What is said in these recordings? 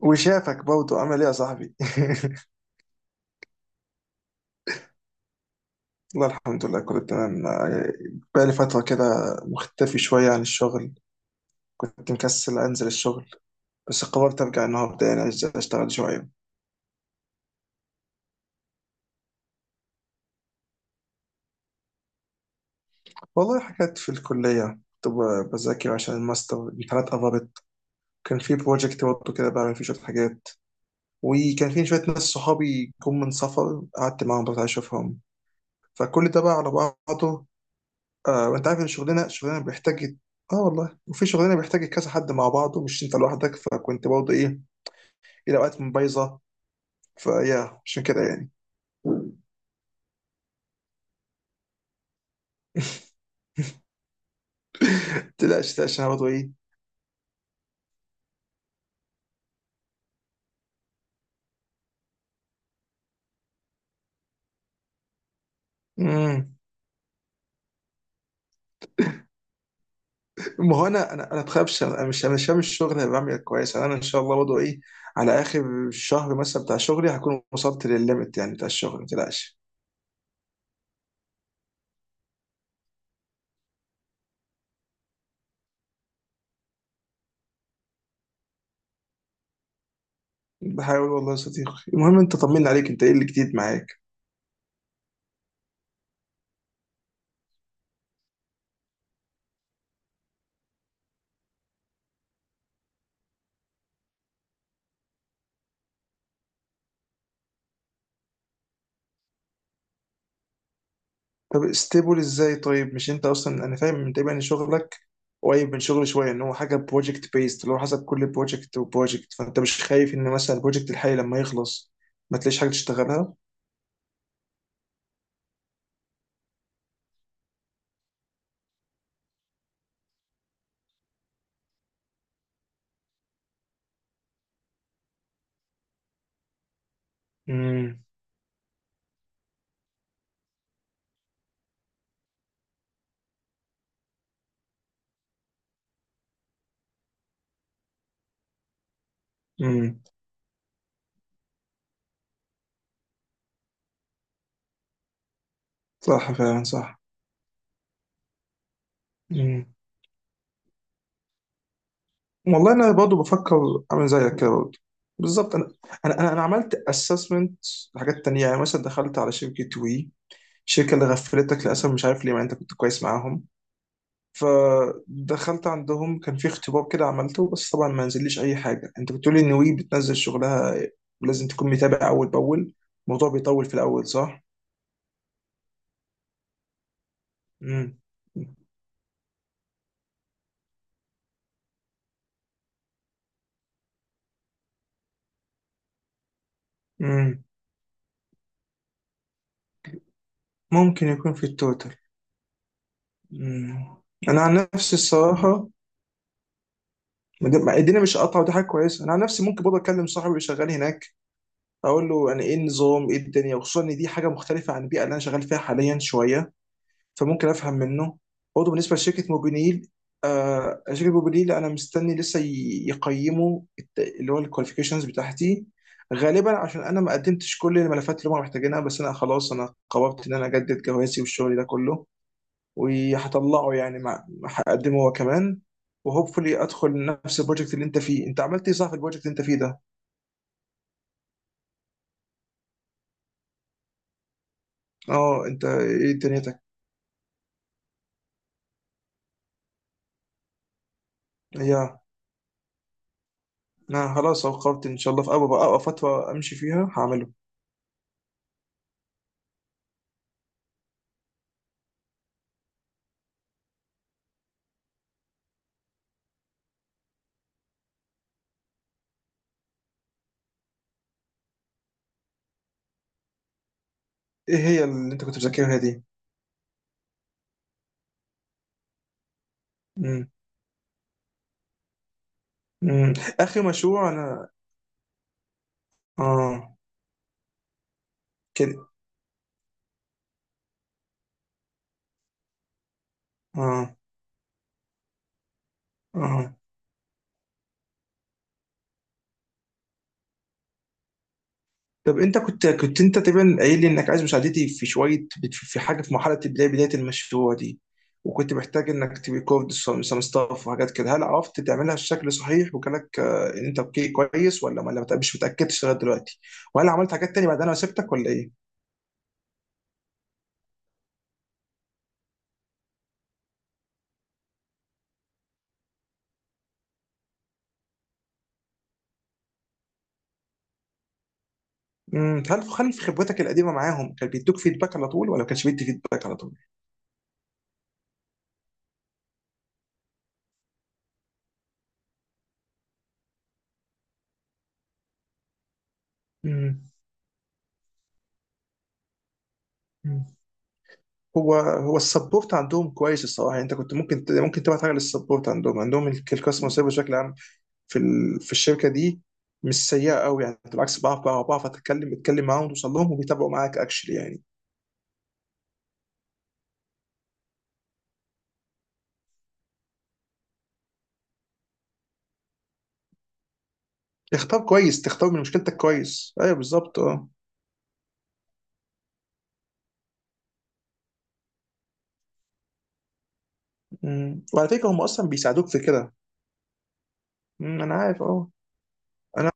وشافك برضه، عمل ايه يا صاحبي؟ والله الحمد لله، كله تمام. آه، بقالي فترة كده مختفي شوية عن الشغل. كنت مكسل أنزل الشغل، بس قررت أرجع النهاردة، يعني أشتغل شوية. والله، حاجات في الكلية كنت بذاكر عشان الماستر، الامتحانات قربت. كان في بروجكت برضه كده بعمل فيه شوية حاجات، وكان في شوية ناس صحابي جم من سفر، قعدت معاهم بس أشوفهم، فكل ده بقى على بعضه. آه وانت عارف ان الشغلانه بيحتاج. اه والله، وفي شغلانه بيحتاج كذا حد مع بعض، ومش انت لوحدك، فكنت برضه ايه، الى اوقات من بايظه فيا، عشان كده يعني. تلاش تلاش، انا برضه ايه. مم. ما هو انا بخافش، انا مش هعمل الشغل اللي بعمل كويس، يعني انا ان شاء الله برضه ايه على اخر الشهر مثلا بتاع شغلي هكون وصلت للليمت يعني بتاع الشغل، ما تقلقش. بحاول والله يا صديقي. المهم، انت طمنا عليك، انت ايه اللي جديد معاك؟ طب استيبل ازاي؟ طيب مش انت اصلا انا فاهم من تقريبا ان شغلك قريب من شغلي شويه، ان هو حاجه بروجكت بيست، اللي هو حسب كل بروجكت وبروجكت، فانت مش خايف ان مثلا البروجكت الحالي لما يخلص ما تلاقيش حاجه تشتغلها؟ امم. امم، صح فعلا، صح. امم، والله انا برضه بفكر اعمل زيك كده برضه بالظبط. انا انا انا أنا عملت اسسمنت لحاجات تانية، يعني مثلا دخلت على شركه وي، الشركه اللي غفلتك للاسف، مش عارف ليه مع إن انت كنت كويس معاهم. فدخلت عندهم، كان في اختبار كده عملته، بس طبعا ما نزليش اي حاجه. انت بتقولي ان وي بتنزل شغلها ولازم تكون متابع اول باول. الموضوع بيطول في الاول، صح. امم. امم، ممكن يكون في التوتال. امم. انا عن نفسي الصراحه، ما دي- ما- الدنيا مش قاطعه، ودي حاجه كويسه. انا عن نفسي ممكن برضه اكلم صاحبي اللي شغال هناك، اقول له يعني ايه النظام، ايه الدنيا، وخصوصا ان دي حاجه مختلفه عن البيئه اللي انا شغال فيها حاليا شويه، فممكن افهم منه. برضه بالنسبه لشركه موبينيل، آه شركه موبينيل انا مستني لسه يقيموا اللي هو الكواليفيكيشنز بتاعتي، غالبا عشان انا ما قدمتش كل الملفات اللي هم محتاجينها. بس انا خلاص، انا قررت ان انا اجدد جوازي والشغل ده كله، وهطلعه يعني، مع هقدمه هو كمان، وهوبفully ادخل نفس البروجكت اللي انت فيه. انت عملت ايه صح في البروجكت اللي انت فيه ده؟ اه، انت ايه دنيتك؟ يا انا خلاص أهو، قررت ان شاء الله في اول أول فتره امشي فيها هعمل. ايه هي اللي انت كنت بتذاكرها دي؟ مم. مم. اخر مشروع انا. اه، كده، اه، اه. طب انت كنت انت تقريبا قايل لي انك عايز مساعدتي في شويه في حاجه في مرحله بدايه بدايه المشروع دي، وكنت محتاج انك تريكورد سم ستاف وحاجات كده. هل عرفت تعملها بشكل صحيح وجالك آه، ان انت اوكي كويس، ولا ما، ولا مش متاكدش لغايه دلوقتي؟ وهل عملت حاجات تانية بعد انا سبتك ولا ايه؟ مم. هل في خبرتك القديمه معاهم كان بيدوك فيدباك على طول، ولا ما كانش بيدي فيدباك على طول؟ مم. مم. هو السبورت عندهم كويس الصراحه. يعني انت كنت ممكن ممكن تبعت حاجه للسبورت عندهم الكاستمر سيرفيس بشكل عام في الشركه دي، مش سيئه قوي. يعني بالعكس، بعرف اتكلم معاهم وتوصل لهم، وبيتابعوا معاك اكشلي يعني. اختار كويس، تختار من مشكلتك كويس، ايوه بالظبط، اه. أمم. وعلى فكره هم اصلا بيساعدوك في كده. أمم، انا عارف، اه. انا.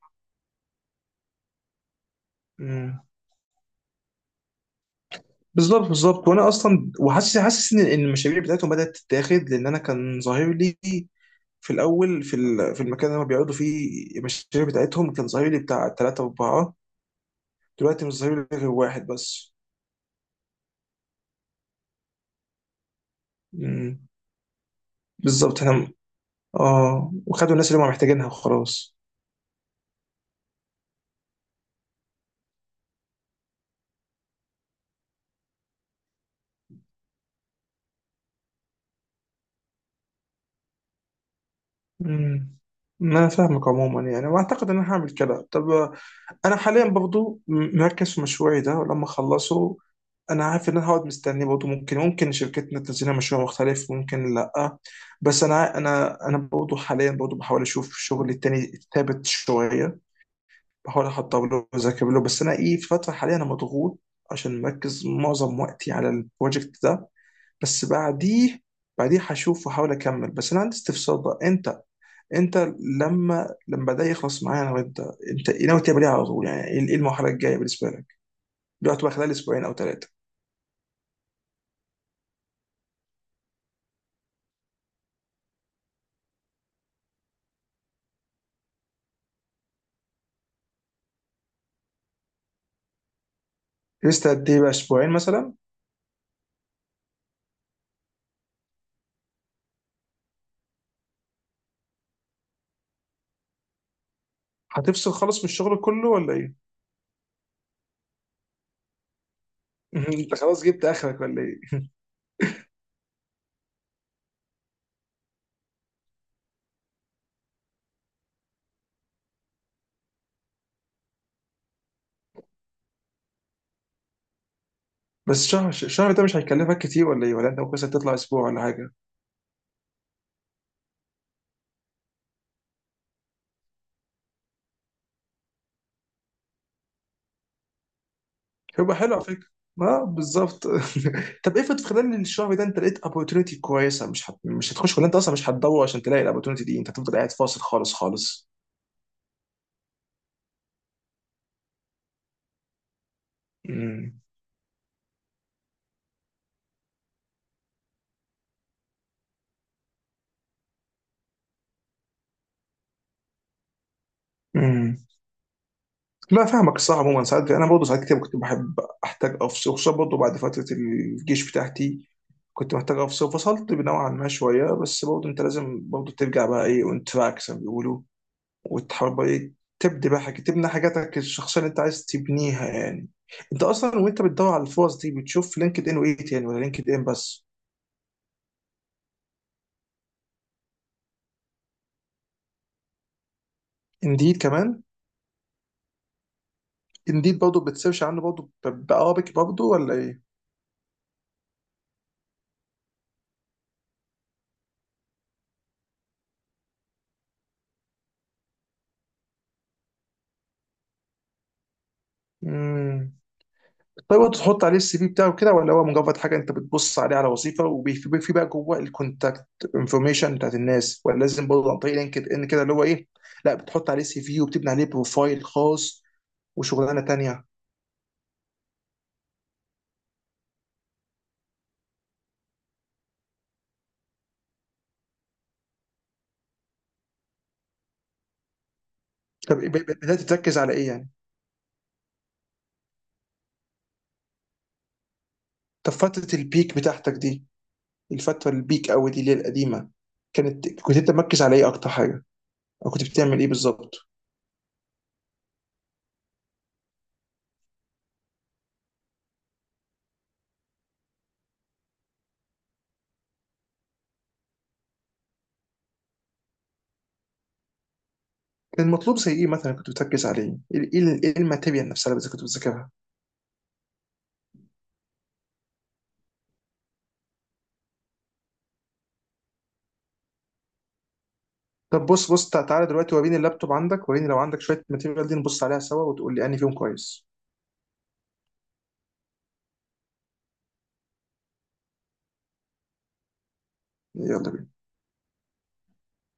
أمم. بالظبط بالظبط، وانا اصلا وحاسس إن المشاريع بتاعتهم بدات تتاخد، لان انا كان ظاهر لي في الاول، في المكان اللي هم بيقعدوا فيه المشاريع بتاعتهم، كان ظهيري بتاع 3-4، دلوقتي مش ظهيري غير واحد بس. مم. بالظبط، احنا. اه، وخدوا الناس اللي هم محتاجينها وخلاص. مم. ما انا فاهمك عموما، يعني واعتقد ان انا هعمل كده. طب آه، انا حاليا برضو مركز في مشروعي ده. ولما اخلصه انا عارف ان انا هقعد مستني برضه، ممكن شركتنا تنزل لنا مشروع مختلف، ممكن لا. بس انا برضه حاليا برضه بحاول اشوف شغل تاني ثابت شويه، بحاول احضر له واذاكر له. بس انا ايه، في فتره حاليا انا مضغوط عشان مركز معظم وقتي على البروجكت ده. بس بعديه هشوف واحاول اكمل. بس انا عندي استفسار بقى. انت لما ده يخلص معايا انا وانت، انت إيه ناوي تعمل ايه على طول؟ يعني ايه، إيه المرحله الجايه بالنسبه لك دلوقتي بقى، خلال اسبوعين او ثلاثه؟ لسه قد ايه بقى، اسبوعين مثلا؟ هتفصل خالص من الشغل كله ولا ايه؟ انت خلاص جبت اخرك ولا ايه؟ بس الشهر ده مش هيكلفك كتير ولا ايه؟ ولا انت ممكن مثلاً تطلع اسبوع ولا حاجه؟ هيبقى حلو على فكره، ما بالظبط. طب افرض في خلال الشهر ده انت لقيت opportunity كويسه، مش هتخش؟ ولا انت اصلا مش هتدور عشان تلاقي opportunity دي؟ انت هتفضل قاعد فاصل خالص خالص؟ امم. امم. لا، فاهمك الصراحه. عموما ساعات انا برضه، ساعات كتير كنت بحب احتاج افصل، خصوصا برضه بعد فتره الجيش بتاعتي كنت محتاج افصل، فصلت نوعا ما شويه، بس برضه انت لازم برضه ترجع بقى ايه اون تراك زي ما بيقولوا، وتحاول بقى إيه تبدي بقى حاجة، تبني حاجاتك الشخصية اللي أنت عايز تبنيها يعني. أنت أصلا وأنت بتدور على الفرص دي، بتشوف لينكد إن وإيه تاني، ولا لينكد إن بس؟ إنديد كمان؟ إنديد برضه بتسيرش عنه برضه بأرابيك برضه ولا إيه؟ امم. طيب وأنت تحط عليه السي في بتاعه كده، ولا هو مجرد حاجة أنت بتبص عليه على وظيفة، وفي بقى جوه الكونتاكت انفورميشن بتاعت الناس، ولا لازم برضه عن طريق لينكد إن كده اللي هو إيه؟ لا بتحط عليه سي في وبتبني عليه بروفايل خاص وشغلانة تانية. طب بدأت تركز على إيه يعني؟ طب فترة البيك بتاعتك دي، الفترة البيك أوي دي اللي هي القديمة، كنت أنت مركز على إيه أكتر حاجة؟ أو كنت بتعمل إيه بالظبط؟ كان المطلوب زي إيه مثلا كنت بتركز عليه؟ إيه الماتيريال نفسها اللي كنت بتذاكرها؟ طب بص بص تعالى دلوقتي وريني اللابتوب عندك، وريني لو عندك شوية ماتيريال دي، نبص عليها سوا وتقول لي أنهي فيهم كويس. يلا بينا.